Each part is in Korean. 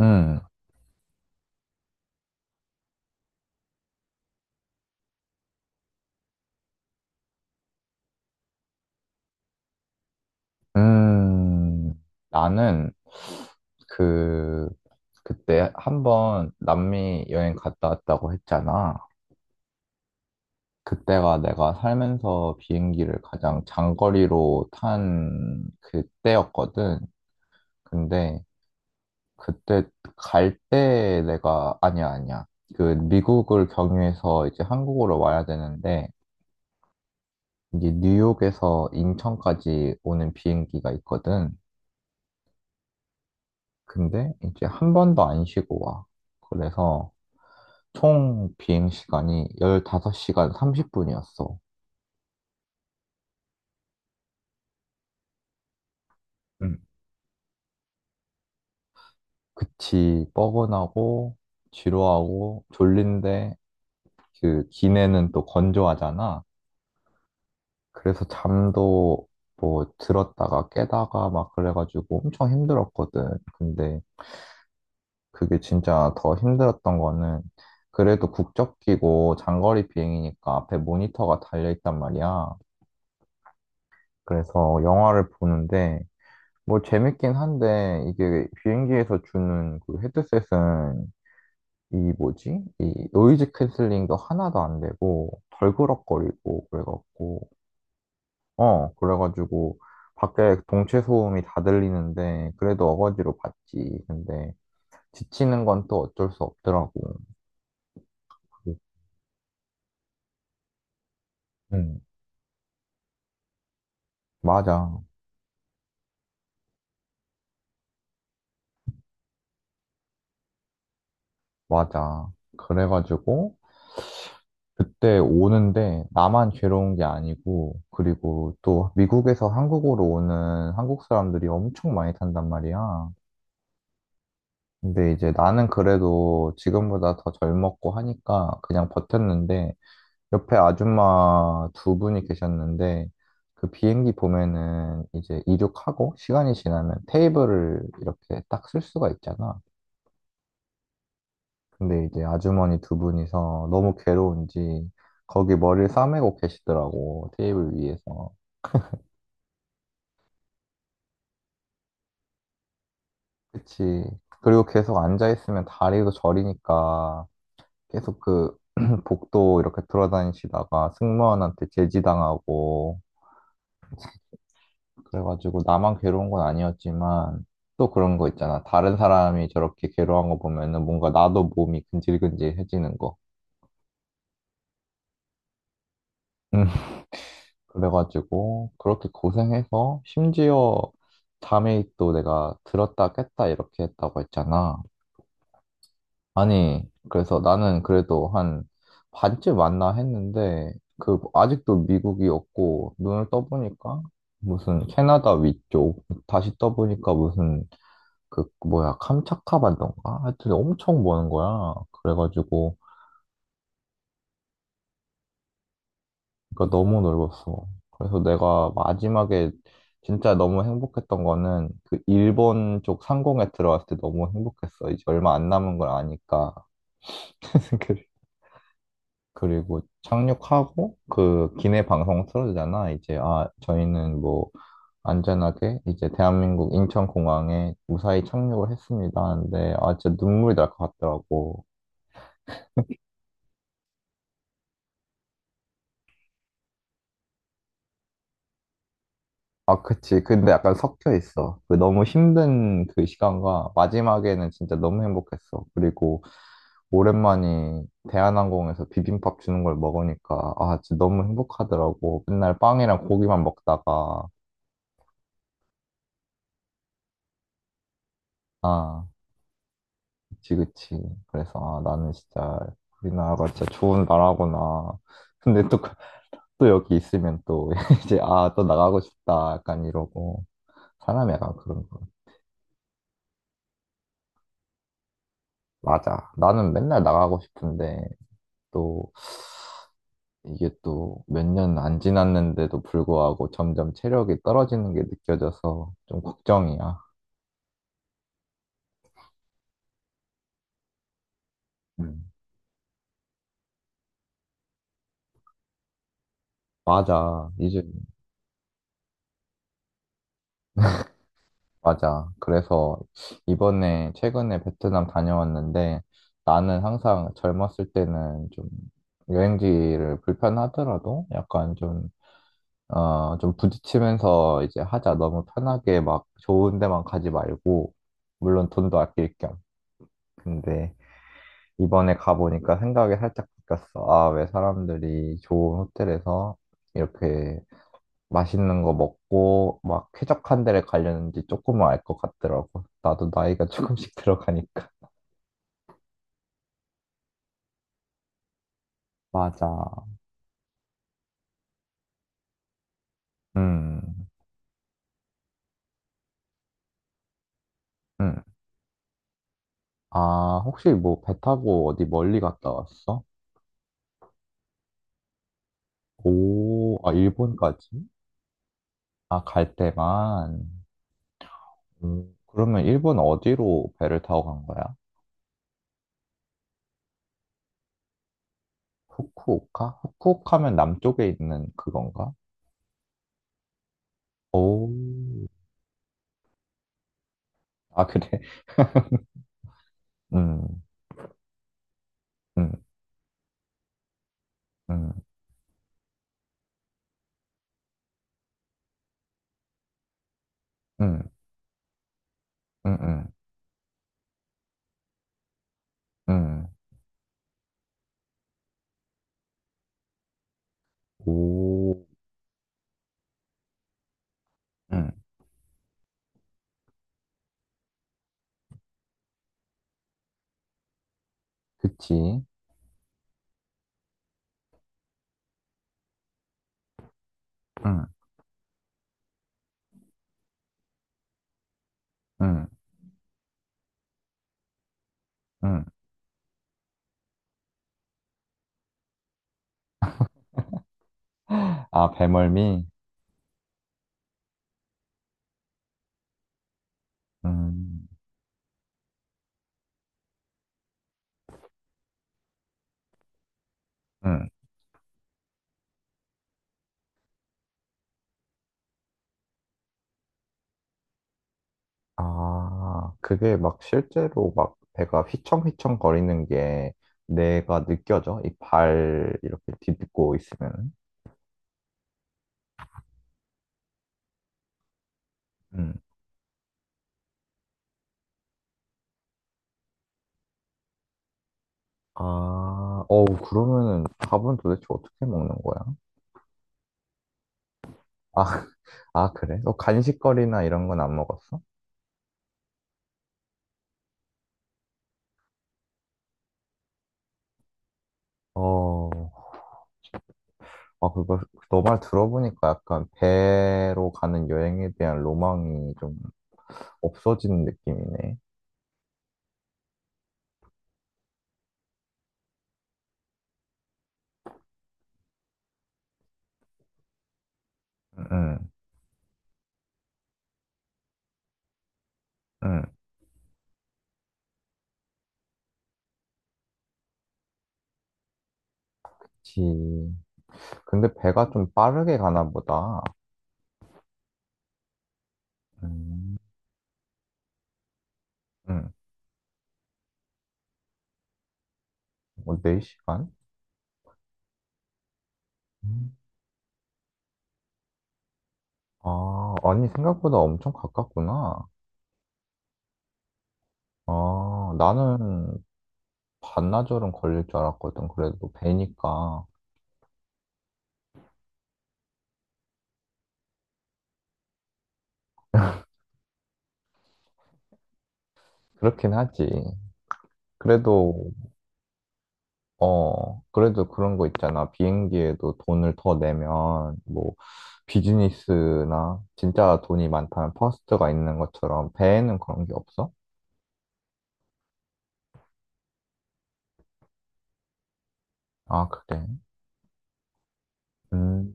음, 음, 나는 그, 그때 한번 남미 여행 갔다 왔다고 했잖아. 그때가 내가 살면서 비행기를 가장 장거리로 탄 그때였거든. 근데 그때 갈 때 내가, 아니야, 아니야. 그 미국을 경유해서 이제 한국으로 와야 되는데, 이제 뉴욕에서 인천까지 오는 비행기가 있거든. 근데 이제 한 번도 안 쉬고 와. 그래서 총 비행 시간이 15시간 30분이었어. 응. 그치, 뻐근하고 지루하고 졸린데 그 기내는 또 건조하잖아. 그래서 잠도 뭐 들었다가 깨다가 막 그래가지고 엄청 힘들었거든. 근데 그게 진짜 더 힘들었던 거는 그래도 국적 끼고 장거리 비행이니까 앞에 모니터가 달려 있단 말이야. 그래서 영화를 보는데 뭐 재밌긴 한데 이게 비행기에서 주는 그 헤드셋은 이 뭐지? 이 노이즈 캔슬링도 하나도 안 되고 덜그럭거리고 그래갖고 어 그래가지고 밖에 동체 소음이 다 들리는데 그래도 어거지로 봤지. 근데 지치는 건 또 어쩔 수 없더라고. 그게- 응, 맞아, 맞아. 그래가지고 그때 오는데 나만 괴로운 게 아니고 그리고 또 미국에서 한국으로 오는 한국 사람들이 엄청 많이 탄단 말이야. 근데 이제 나는 그래도 지금보다 더 젊었고 하니까 그냥 버텼는데 옆에 아줌마 두 분이 계셨는데 그 비행기 보면은 이제 이륙하고 시간이 지나면 테이블을 이렇게 딱 쓸 수가 있잖아. 근데 이제 아주머니 두 분이서 너무 괴로운지 거기 머리를 싸매고 계시더라고 테이블 위에서. 그치. 그리고 계속 앉아있으면 다리도 저리니까 계속 그 복도 이렇게 돌아다니시다가 승무원한테 제지당하고 그래가지고 나만 괴로운 건 아니었지만 또 그런 거 있잖아. 다른 사람이 저렇게 괴로운 거 보면은 뭔가 나도 몸이 근질근질해지는 거. 음. 그래가지고 그렇게 고생해서 심지어 잠에 또 내가 들었다 깼다 이렇게 했다고 했잖아. 아니, 그래서 나는 그래도 한 반쯤 왔나 했는데, 그, 아직도 미국이 없고, 눈을 떠보니까, 무슨 캐나다 위쪽, 다시 떠보니까 무슨, 그, 뭐야, 캄차카 반도인가? 하여튼 엄청 먼 거야. 그래가지고, 그러니까 너무 넓었어. 그래서 내가 마지막에 진짜 너무 행복했던 거는, 그 일본 쪽 상공에 들어왔을 때 너무 행복했어. 이제 얼마 안 남은 걸 아니까. 그리고 착륙하고 그 기내 방송 틀어주잖아. 이제 아 저희는 뭐 안전하게 이제 대한민국 인천공항에 무사히 착륙을 했습니다. 하는데 아 진짜 눈물이 날 것 같더라고. 아 그치. 근데 약간 섞여 있어. 그 너무 힘든 그 시간과 마지막에는 진짜 너무 행복했어. 그리고 오랜만에 대한항공에서 비빔밥 주는 걸 먹으니까 아 진짜 너무 행복하더라고. 맨날 빵이랑 고기만 먹다가 아. 그치, 그치. 그래서, 아, 나는 진짜, 우리나라가 진짜 좋은 나라구나. 근데 또, 그- 또 여기 있으면 또, 이제, 아, 또 나가고 싶다. 약간 이러고. 사람이 약간 그런 거. 맞아. 나는 맨날 나가고 싶은데, 또, 이게 또, 몇 년 안 지났는데도 불구하고 점점 체력이 떨어지는 게 느껴져서 좀 걱정이야. 음. 맞아. 그래서 이번에 최근에 베트남 다녀왔는데 나는 항상 젊었을 때는 좀 여행지를 불편하더라도 약간 좀, 어, 좀 부딪히면서 이제 하자. 너무 편하게 막 좋은 데만 가지 말고, 물론 돈도 아낄 겸. 근데 이번에 가보니까 생각이 살짝 바뀌었어. 아, 왜 사람들이 좋은 호텔에서 이렇게 맛있는 거 먹고 막 쾌적한 데를 가려는지 조금은 알 것 같더라고. 나도 나이가 조금씩 들어가니까. 맞아. 음, 음. 아, 혹시 뭐 배 타고 어디 멀리 갔다 왔어? 오, 아, 일본까지? 아, 갈 때만. 그러면 일본 어디로 배를 타고 간 거야? 후쿠오카? 후쿠오카면 남쪽에 있는 그건가? 오, 아, 그래. 음, 음, 음, 음, 음, 음, 음. 오, 응, 그치. 응, 응, 응. 아, 배멀미? 음, 음. 아, 그게 막 실제로 막 배가 휘청휘청 거리는 게 내가 느껴져? 이 발 이렇게 딛고 있으면은? 음. 아, 어우, 그러면은 밥은 도대체 어떻게 먹는 거야? 아, 아, 그래? 너 간식거리나 이런 건 안 먹었어? 어, 아, 그거, 너 말 들어보니까 약간 배로 가는 여행에 대한 로망이 좀 없어지는 느낌이네. 응, 응, 그지 근데 배가 좀 빠르게 가나 보다. 응, 응. 뭐, 4시간? 아, 아니, 생각보다 엄청 가깝구나. 아, 나는 반나절은 걸릴 줄 알았거든. 그래도 배니까. 그렇긴 하지. 그래도, 어, 그래도 그런 거 있잖아. 비행기에도 돈을 더 내면, 뭐, 비즈니스나 진짜 돈이 많다면 퍼스트가 있는 것처럼 배에는 그런 게 없어? 아, 그래? 음.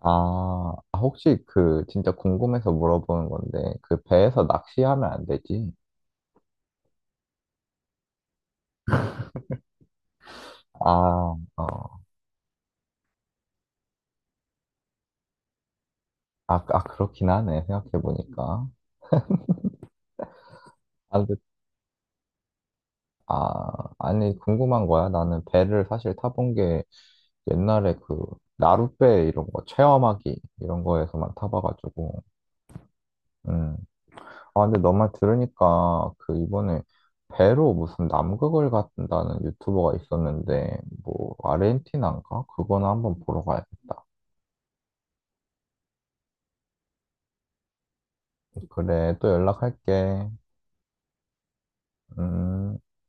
아, 아, 혹시 그 진짜 궁금해서 물어보는 건데 그 배에서 낚시하면 안 되지? 아, 어. 아, 아 그렇긴 하네. 생각해 보니까. 아, 근데- 아, 아니 궁금한 거야. 나는 배를 사실 타본 게 옛날에 그 나룻배 이런 거 체험하기 이런 거에서만 타봐가지고. 음. 아, 근데 너 말 들으니까 그 이번에 배로 무슨 남극을 갔다는 유튜버가 있었는데 뭐 아르헨티나인가? 그거는 한번 보러 가야겠다. 그래, 또 연락할게. 음.